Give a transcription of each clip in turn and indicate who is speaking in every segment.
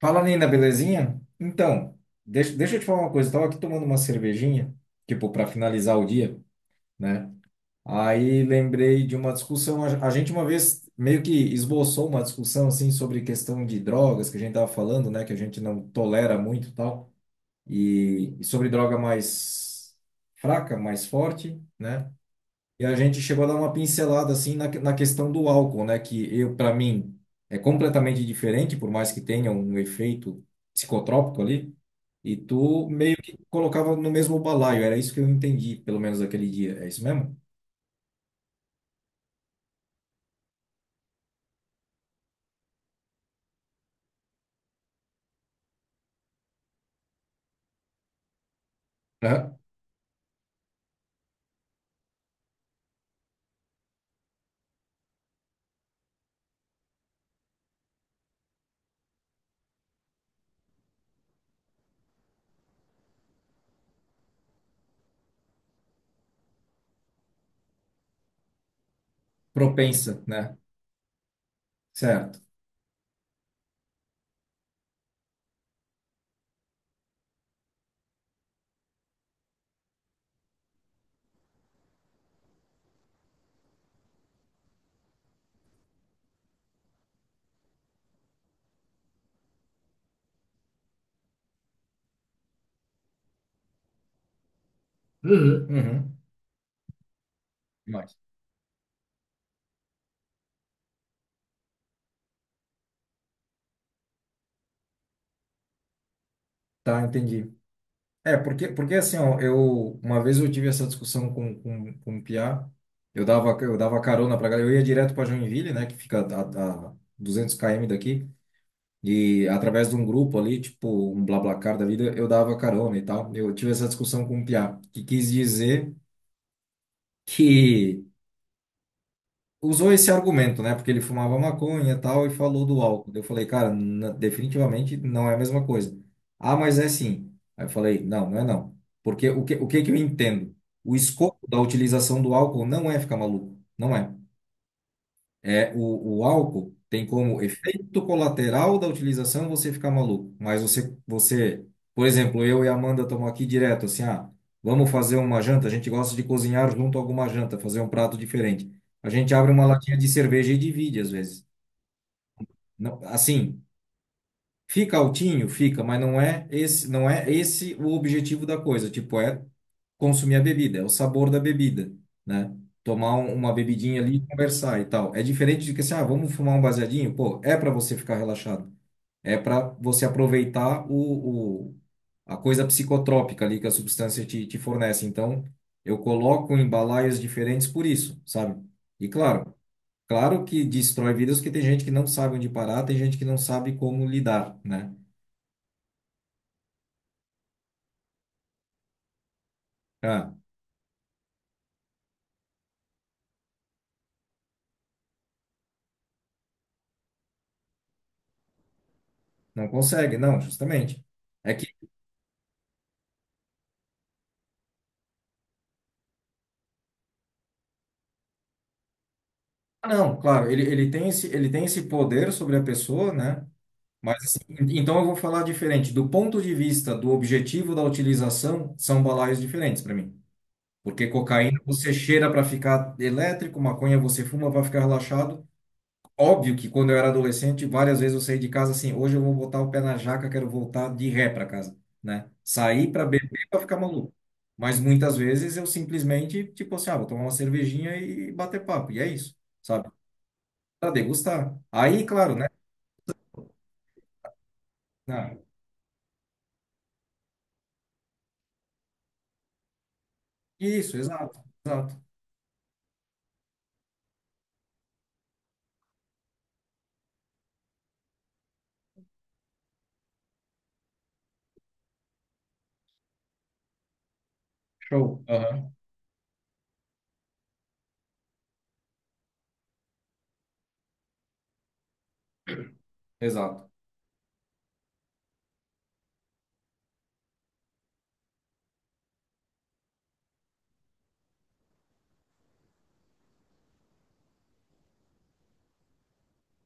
Speaker 1: Fala, Nina, belezinha? Então, deixa eu te falar uma coisa. Eu tava aqui tomando uma cervejinha, tipo, para finalizar o dia, né? Aí lembrei de uma discussão. A gente uma vez meio que esboçou uma discussão, assim, sobre questão de drogas, que a gente tava falando, né? Que a gente não tolera muito e tal. E sobre droga mais fraca, mais forte, né? E a gente chegou a dar uma pincelada assim na questão do álcool, né? Que eu, para mim, é completamente diferente, por mais que tenha um efeito psicotrópico ali. E tu meio que colocava no mesmo balaio, era isso que eu entendi, pelo menos aquele dia. É isso mesmo? Aham. Propensa, né? Certo. Uhum. Uhum. Mas. Tá, entendi. É, porque assim, ó, eu uma vez eu tive essa discussão com o Piá, eu dava carona pra galera, eu ia direto pra Joinville, né, que fica a 200 km daqui. E através de um grupo ali, tipo um BlaBlaCar da vida, eu dava carona e tal. Eu tive essa discussão com o Piá, que quis dizer que usou esse argumento, né? Porque ele fumava maconha e tal e falou do álcool. Eu falei, cara, definitivamente não é a mesma coisa. Ah, mas é sim. Aí eu falei, não, não é não. Porque o que que eu entendo? O escopo da utilização do álcool não é ficar maluco. Não é. É, o álcool tem como efeito colateral da utilização você ficar maluco. Mas você, por exemplo, eu e a Amanda estamos aqui direto, assim, ah, vamos fazer uma janta. A gente gosta de cozinhar junto a alguma janta, fazer um prato diferente. A gente abre uma latinha de cerveja e divide, às vezes. Não, assim, fica altinho, fica, mas não é esse, não é esse o objetivo da coisa. Tipo, é consumir a bebida, é o sabor da bebida, né? Uma bebidinha ali, e conversar e tal. É diferente de que assim, ah, vamos fumar um baseadinho, pô, é para você ficar relaxado. É para você aproveitar a coisa psicotrópica ali que a substância te fornece. Então, eu coloco em balaios diferentes por isso, sabe? E claro, claro que destrói vidas, porque tem gente que não sabe onde parar, tem gente que não sabe como lidar, né? Ah, não consegue, não, justamente. É que, ah, não, claro, ele tem esse poder sobre a pessoa, né? Mas, assim, então eu vou falar diferente. Do ponto de vista do objetivo da utilização, são balaios diferentes para mim. Porque cocaína você cheira para ficar elétrico, maconha você fuma para ficar relaxado. Óbvio que quando eu era adolescente, várias vezes eu saí de casa assim, hoje eu vou botar o pé na jaca, quero voltar de ré para casa, né? Sair para beber para ficar maluco. Mas muitas vezes eu simplesmente, tipo assim, ah, vou tomar uma cervejinha e bater papo, e é isso, sabe? Para degustar. Aí, claro, né? Ah, isso, exato, exato. Show. Aham. Exato.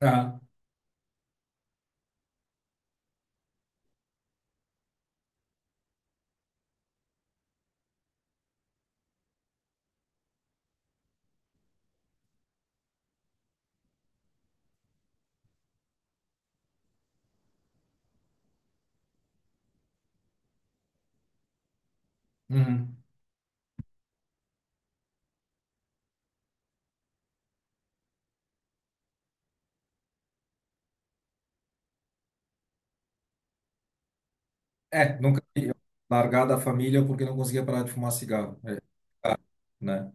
Speaker 1: Aham, uhum. É, nunca largar da família porque não conseguia parar de fumar cigarro, é, né?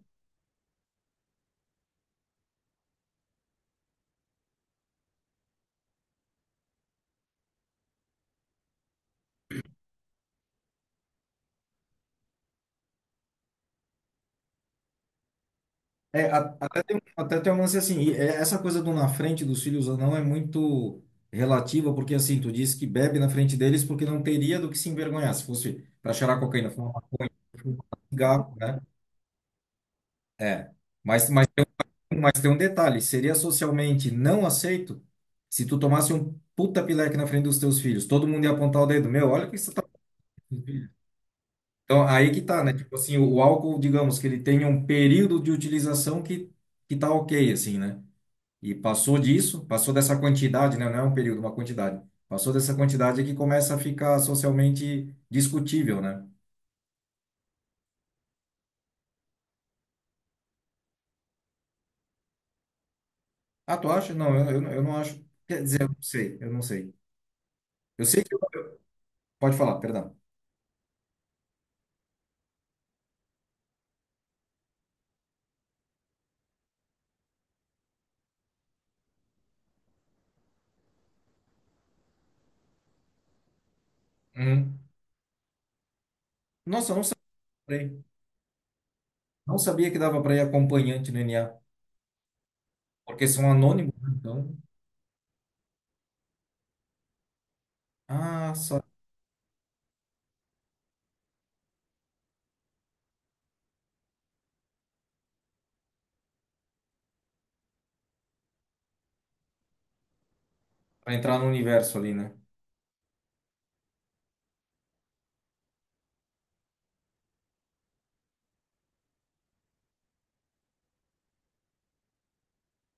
Speaker 1: É, até tem um lance assim, e, é, essa coisa do na frente dos filhos ou não é muito relativa, porque assim, tu disse que bebe na frente deles porque não teria do que se envergonhar, se fosse para cheirar cocaína, fumar um cigarro, né? É, mas, mas, mas tem um detalhe, seria socialmente não aceito se tu tomasse um puta pileque na frente dos teus filhos, todo mundo ia apontar o dedo, meu, olha o que você tá... Então, aí que tá, né? Tipo assim, o, álcool, digamos que ele tem um período de utilização que tá ok, assim, né? E passou disso, passou dessa quantidade, né? Não é um período, uma quantidade. Passou dessa quantidade é que começa a ficar socialmente discutível, né? Ah, tu acha? Não, eu não acho. Quer dizer, eu não sei, eu não sei. Eu sei que. Pode falar, perdão. Uhum. Nossa, eu não sabia. Não sabia que dava para ir acompanhante no NA. Porque são anônimos, né? Então. Ah, só. Para entrar no universo ali, né?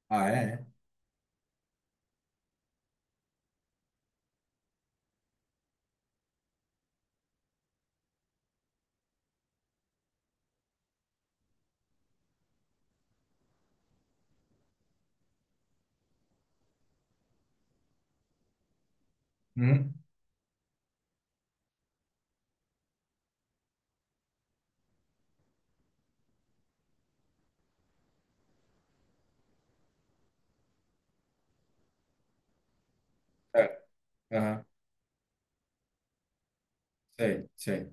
Speaker 1: Ah, é? É. Uhum. Certo. Aham. Sei, sei.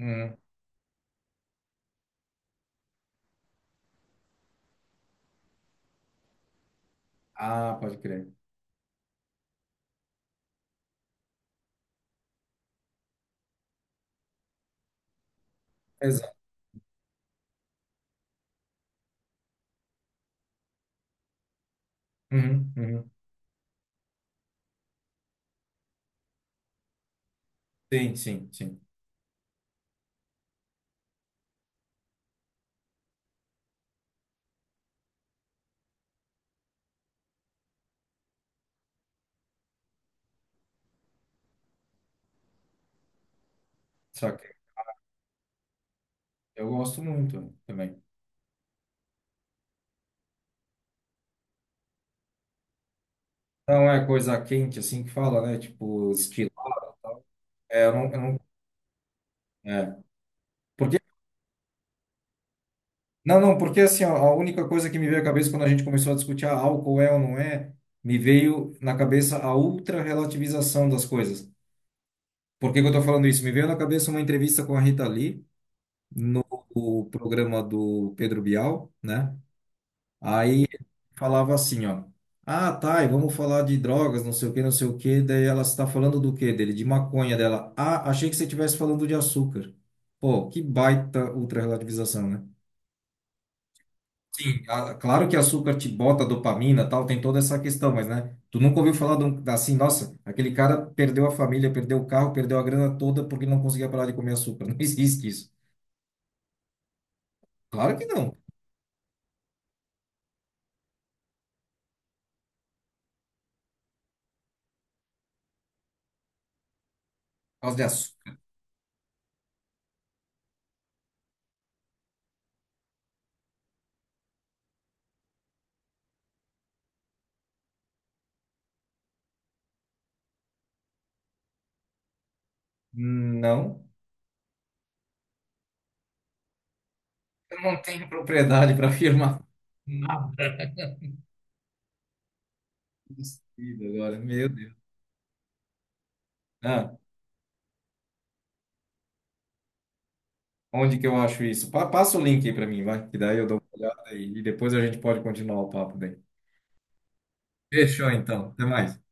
Speaker 1: Uhum. Ah, pode crer. Exato. Uhum, uhum. Sim, sim, sim. Só eu gosto muito também. Não é coisa quente assim que fala, né? Tipo, estilo. É, eu não, é. Porque, não, não, porque assim, ó, a única coisa que me veio à cabeça quando a gente começou a discutir ah, álcool é ou não é, me veio na cabeça a ultra-relativização das coisas. Por que que eu tô falando isso? Me veio na cabeça uma entrevista com a Rita Lee no programa do Pedro Bial, né? Aí falava assim, ó. Ah, tá, e vamos falar de drogas, não sei o que, não sei o que. Daí ela está falando do que dele? De maconha dela. Ah, achei que você estivesse falando de açúcar. Pô, que baita ultra-relativização, né? Sim, claro que açúcar te bota dopamina, tal, tem toda essa questão, mas, né? Tu nunca ouviu falar de um, assim, nossa, aquele cara perdeu a família, perdeu o carro, perdeu a grana toda porque não conseguia parar de comer açúcar. Não existe isso. Claro que não. Por causa de açúcar. Não. Eu não tenho propriedade para afirmar. Nada. Esquecido agora, meu Deus. Ah, onde que eu acho isso? Passa o link aí pra mim, vai, que daí eu dou uma olhada e depois a gente pode continuar o papo daí. Fechou então, até mais.